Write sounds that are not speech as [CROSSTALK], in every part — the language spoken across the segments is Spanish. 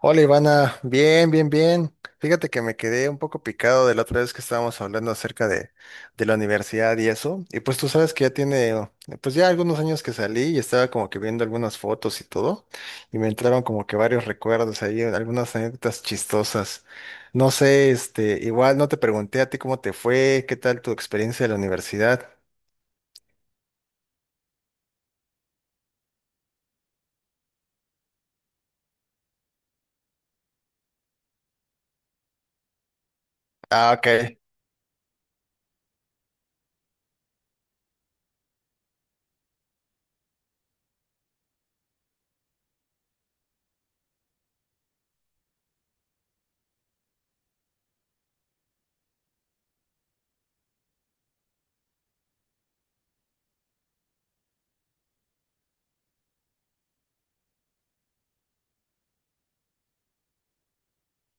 Hola Ivana, bien, bien, bien. Fíjate que me quedé un poco picado de la otra vez que estábamos hablando acerca de la universidad y eso. Y pues tú sabes que ya tiene, oh, pues ya algunos años que salí y estaba como que viendo algunas fotos y todo. Y me entraron como que varios recuerdos ahí, algunas anécdotas chistosas. No sé, este, igual no te pregunté a ti cómo te fue, qué tal tu experiencia de la universidad. Ah, ok.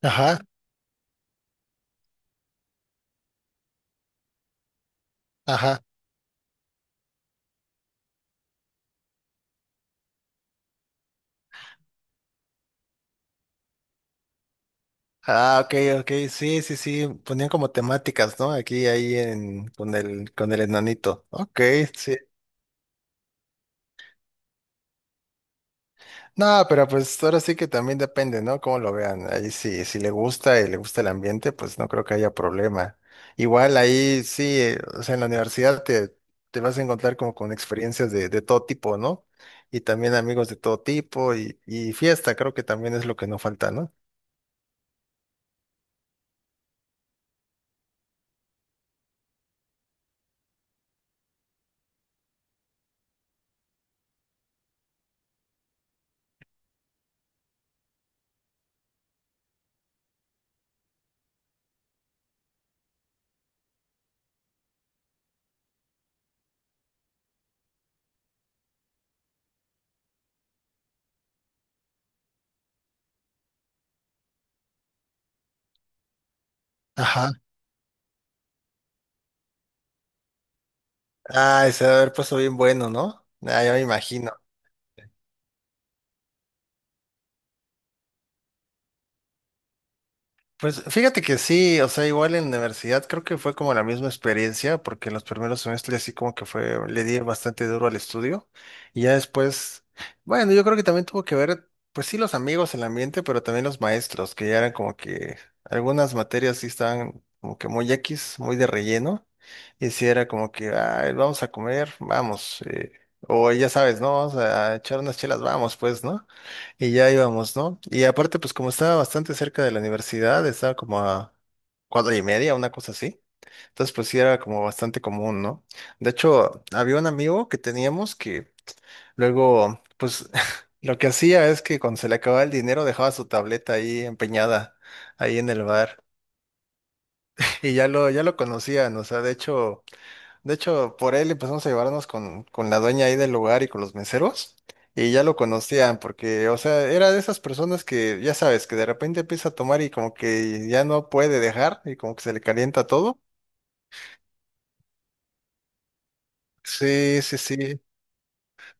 Ajá, ajá. Ah, ok, ok, sí, sí, sí, ponían como temáticas, ¿no? Ahí con el enanito. Ok, sí. No, pero pues ahora sí que también depende, ¿no? Cómo lo vean. Ahí sí, si le gusta y le gusta el ambiente, pues no creo que haya problema. Igual ahí sí, o sea, en la universidad te vas a encontrar como con experiencias de todo tipo, ¿no? Y también amigos de todo tipo y fiesta, creo que también es lo que no falta, ¿no? Ajá. Ah, ese debe haber puesto bien bueno, ¿no? Ah, ya me imagino. Pues fíjate que sí, o sea, igual en la universidad creo que fue como la misma experiencia, porque en los primeros semestres sí como que fue, le di bastante duro al estudio, y ya después, bueno, yo creo que también tuvo que ver, pues sí, los amigos, el ambiente, pero también los maestros, que ya eran como que algunas materias sí estaban como que muy X, muy de relleno, y sí era como que, "Ay, vamos a comer, vamos, o ya sabes, ¿no? Vamos a echar unas chelas, vamos, pues, ¿no?" Y ya íbamos, ¿no? Y aparte, pues como estaba bastante cerca de la universidad, estaba como a cuadra y media, una cosa así. Entonces, pues sí era como bastante común, ¿no? De hecho, había un amigo que teníamos que luego, pues [LAUGHS] lo que hacía es que cuando se le acababa el dinero dejaba su tableta ahí empeñada, ahí en el bar. Y ya lo conocían, o sea, de hecho... De hecho, por él empezamos a llevarnos con la dueña ahí del lugar y con los meseros, y ya lo conocían, porque, o sea, era de esas personas que, ya sabes, que de repente empieza a tomar y como que ya no puede dejar, y como que se le calienta todo. Sí, sí, sí,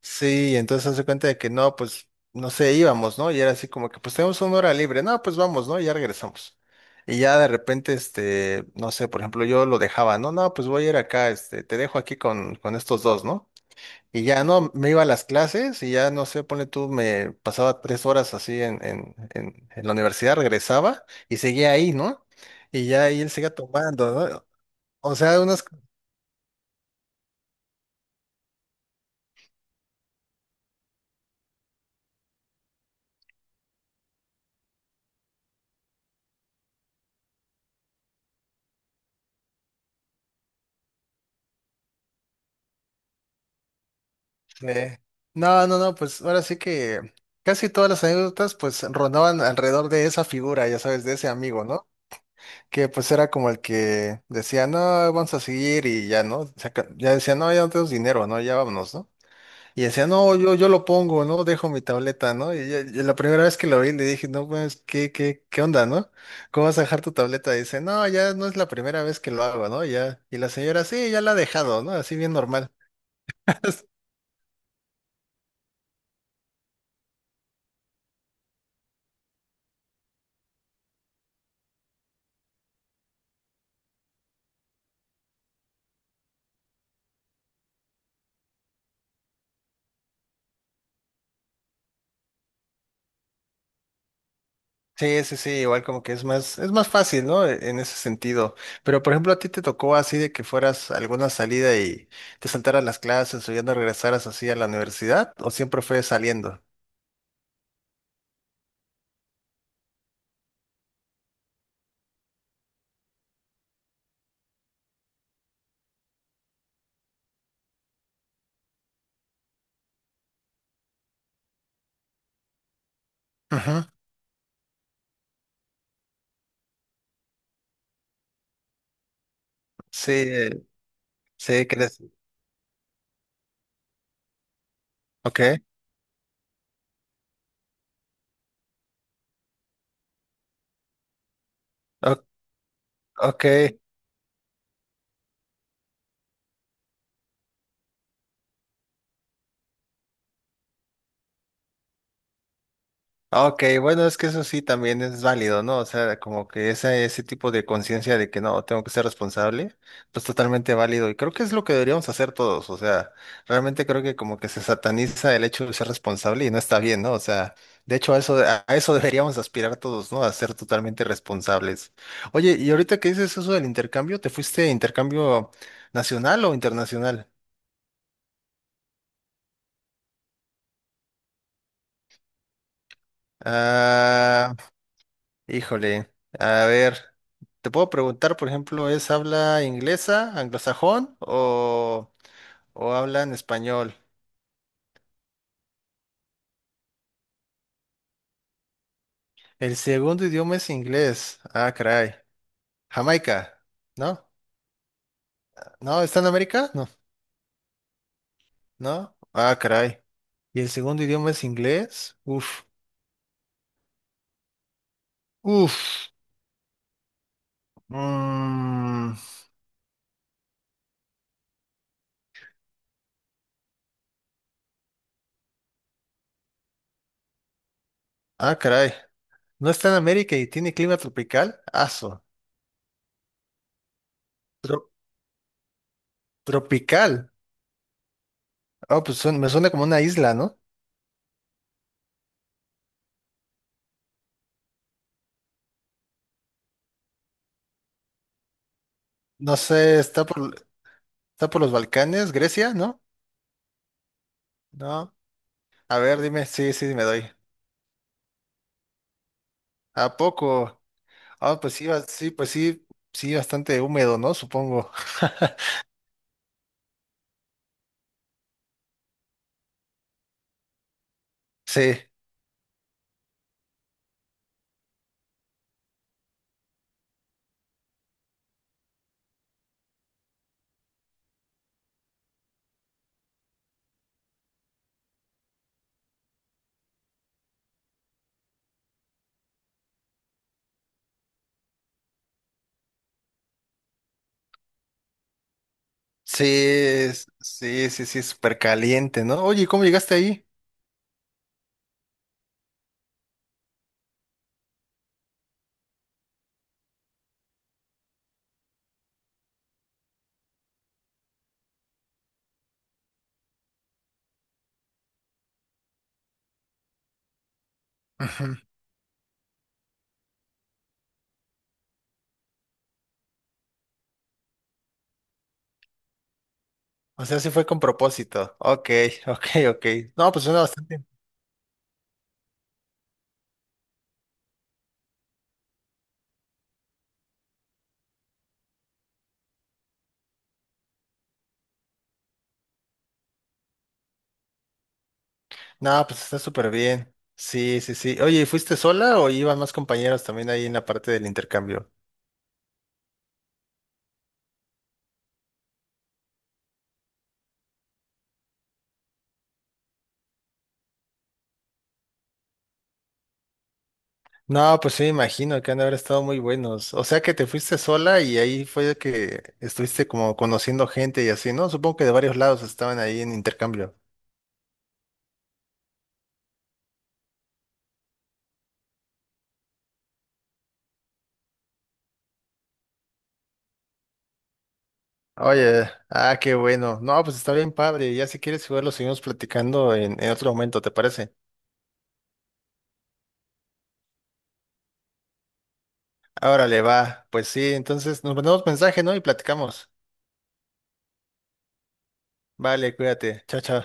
sí, entonces hace cuenta de que no, pues, no sé, íbamos, ¿no? Y era así como que, pues tenemos una hora libre, no, pues vamos, ¿no? Y ya regresamos. Y ya de repente, este, no sé, por ejemplo, yo lo dejaba, no, no, pues voy a ir acá, este, te dejo aquí con estos dos, ¿no? Y ya no, me iba a las clases y ya no sé, ponle tú, me pasaba tres horas así en la universidad, regresaba y seguía ahí, ¿no? Y ya ahí él seguía tomando, ¿no? O sea, unas... eh, no, no, no, pues ahora sí que casi todas las anécdotas pues rondaban alrededor de esa figura, ya sabes, de ese amigo, ¿no? Que pues era como el que decía, no, vamos a seguir y ya, ¿no? Ya decía, no, ya no tenemos dinero, ¿no? Ya vámonos, ¿no? Y decía, no, yo lo pongo, ¿no? Dejo mi tableta, ¿no? Y, ya la primera vez que lo vi le dije, no, pues, ¿qué onda, no? ¿Cómo vas a dejar tu tableta? Y dice, no, ya no es la primera vez que lo hago, ¿no? Ya. Y la señora, sí, ya la ha dejado, ¿no? Así bien normal. [LAUGHS] Sí, sí, sí, igual como que es más fácil, ¿no? En ese sentido. Pero, por ejemplo, a ti te tocó así de que fueras a alguna salida y te saltaras las clases o ya no regresaras así a la universidad, o siempre fue saliendo. Ujú. Sí, sí, crees. Ok, o- ok. Ok, bueno, es que eso sí también es válido, ¿no? O sea, como que ese tipo de conciencia de que no, tengo que ser responsable, pues totalmente válido. Y creo que es lo que deberíamos hacer todos. O sea, realmente creo que como que se sataniza el hecho de ser responsable y no está bien, ¿no? O sea, de hecho a eso, a eso [LAUGHS] deberíamos aspirar todos, ¿no? A ser totalmente responsables. Oye, y ahorita que dices eso del intercambio, ¿te fuiste intercambio nacional o internacional? Ah, híjole, a ver, te puedo preguntar, por ejemplo, ¿es habla inglesa, anglosajón o habla en español? El segundo idioma es inglés. Ah, caray. Jamaica, ¿no? ¿No? ¿Está en América? No, ¿no? Ah, caray. ¿Y el segundo idioma es inglés? Uf, uf. Mm. Ah, caray. ¿No está en América y tiene clima tropical? Aso. Tro- Tropical. Oh, pues suena- me suena como una isla, ¿no? No sé, está por... Está por los Balcanes, Grecia, ¿no? No. A ver, dime, sí, sí, me doy. ¿A poco? Ah, pues sí, sí, pues sí, sí, bastante húmedo, ¿no? Supongo. [LAUGHS] Sí, sí, sí, sí, sí, súper caliente, ¿no? Oye, ¿cómo llegaste ahí? Ujú. O sea, sí fue con propósito. Ok, [LAUGHS] ok, ok. No, pues suena bastante. No, pues está súper bien. Sí, sí, sí. Oye, ¿y ¿fuiste sola o iban más compañeros también ahí en la parte del intercambio? No, pues sí, me imagino que han de haber estado muy buenos. O sea que te fuiste sola y ahí fue que estuviste como conociendo gente y así, ¿no? Supongo que de varios lados estaban ahí en intercambio. Oye, ah, qué bueno. No, pues está bien padre. Ya si quieres jugar lo seguimos platicando en otro momento, ¿te parece? Órale, va. Pues sí, entonces nos mandamos mensaje, ¿no? Y platicamos. Vale, cuídate. Chao, chao.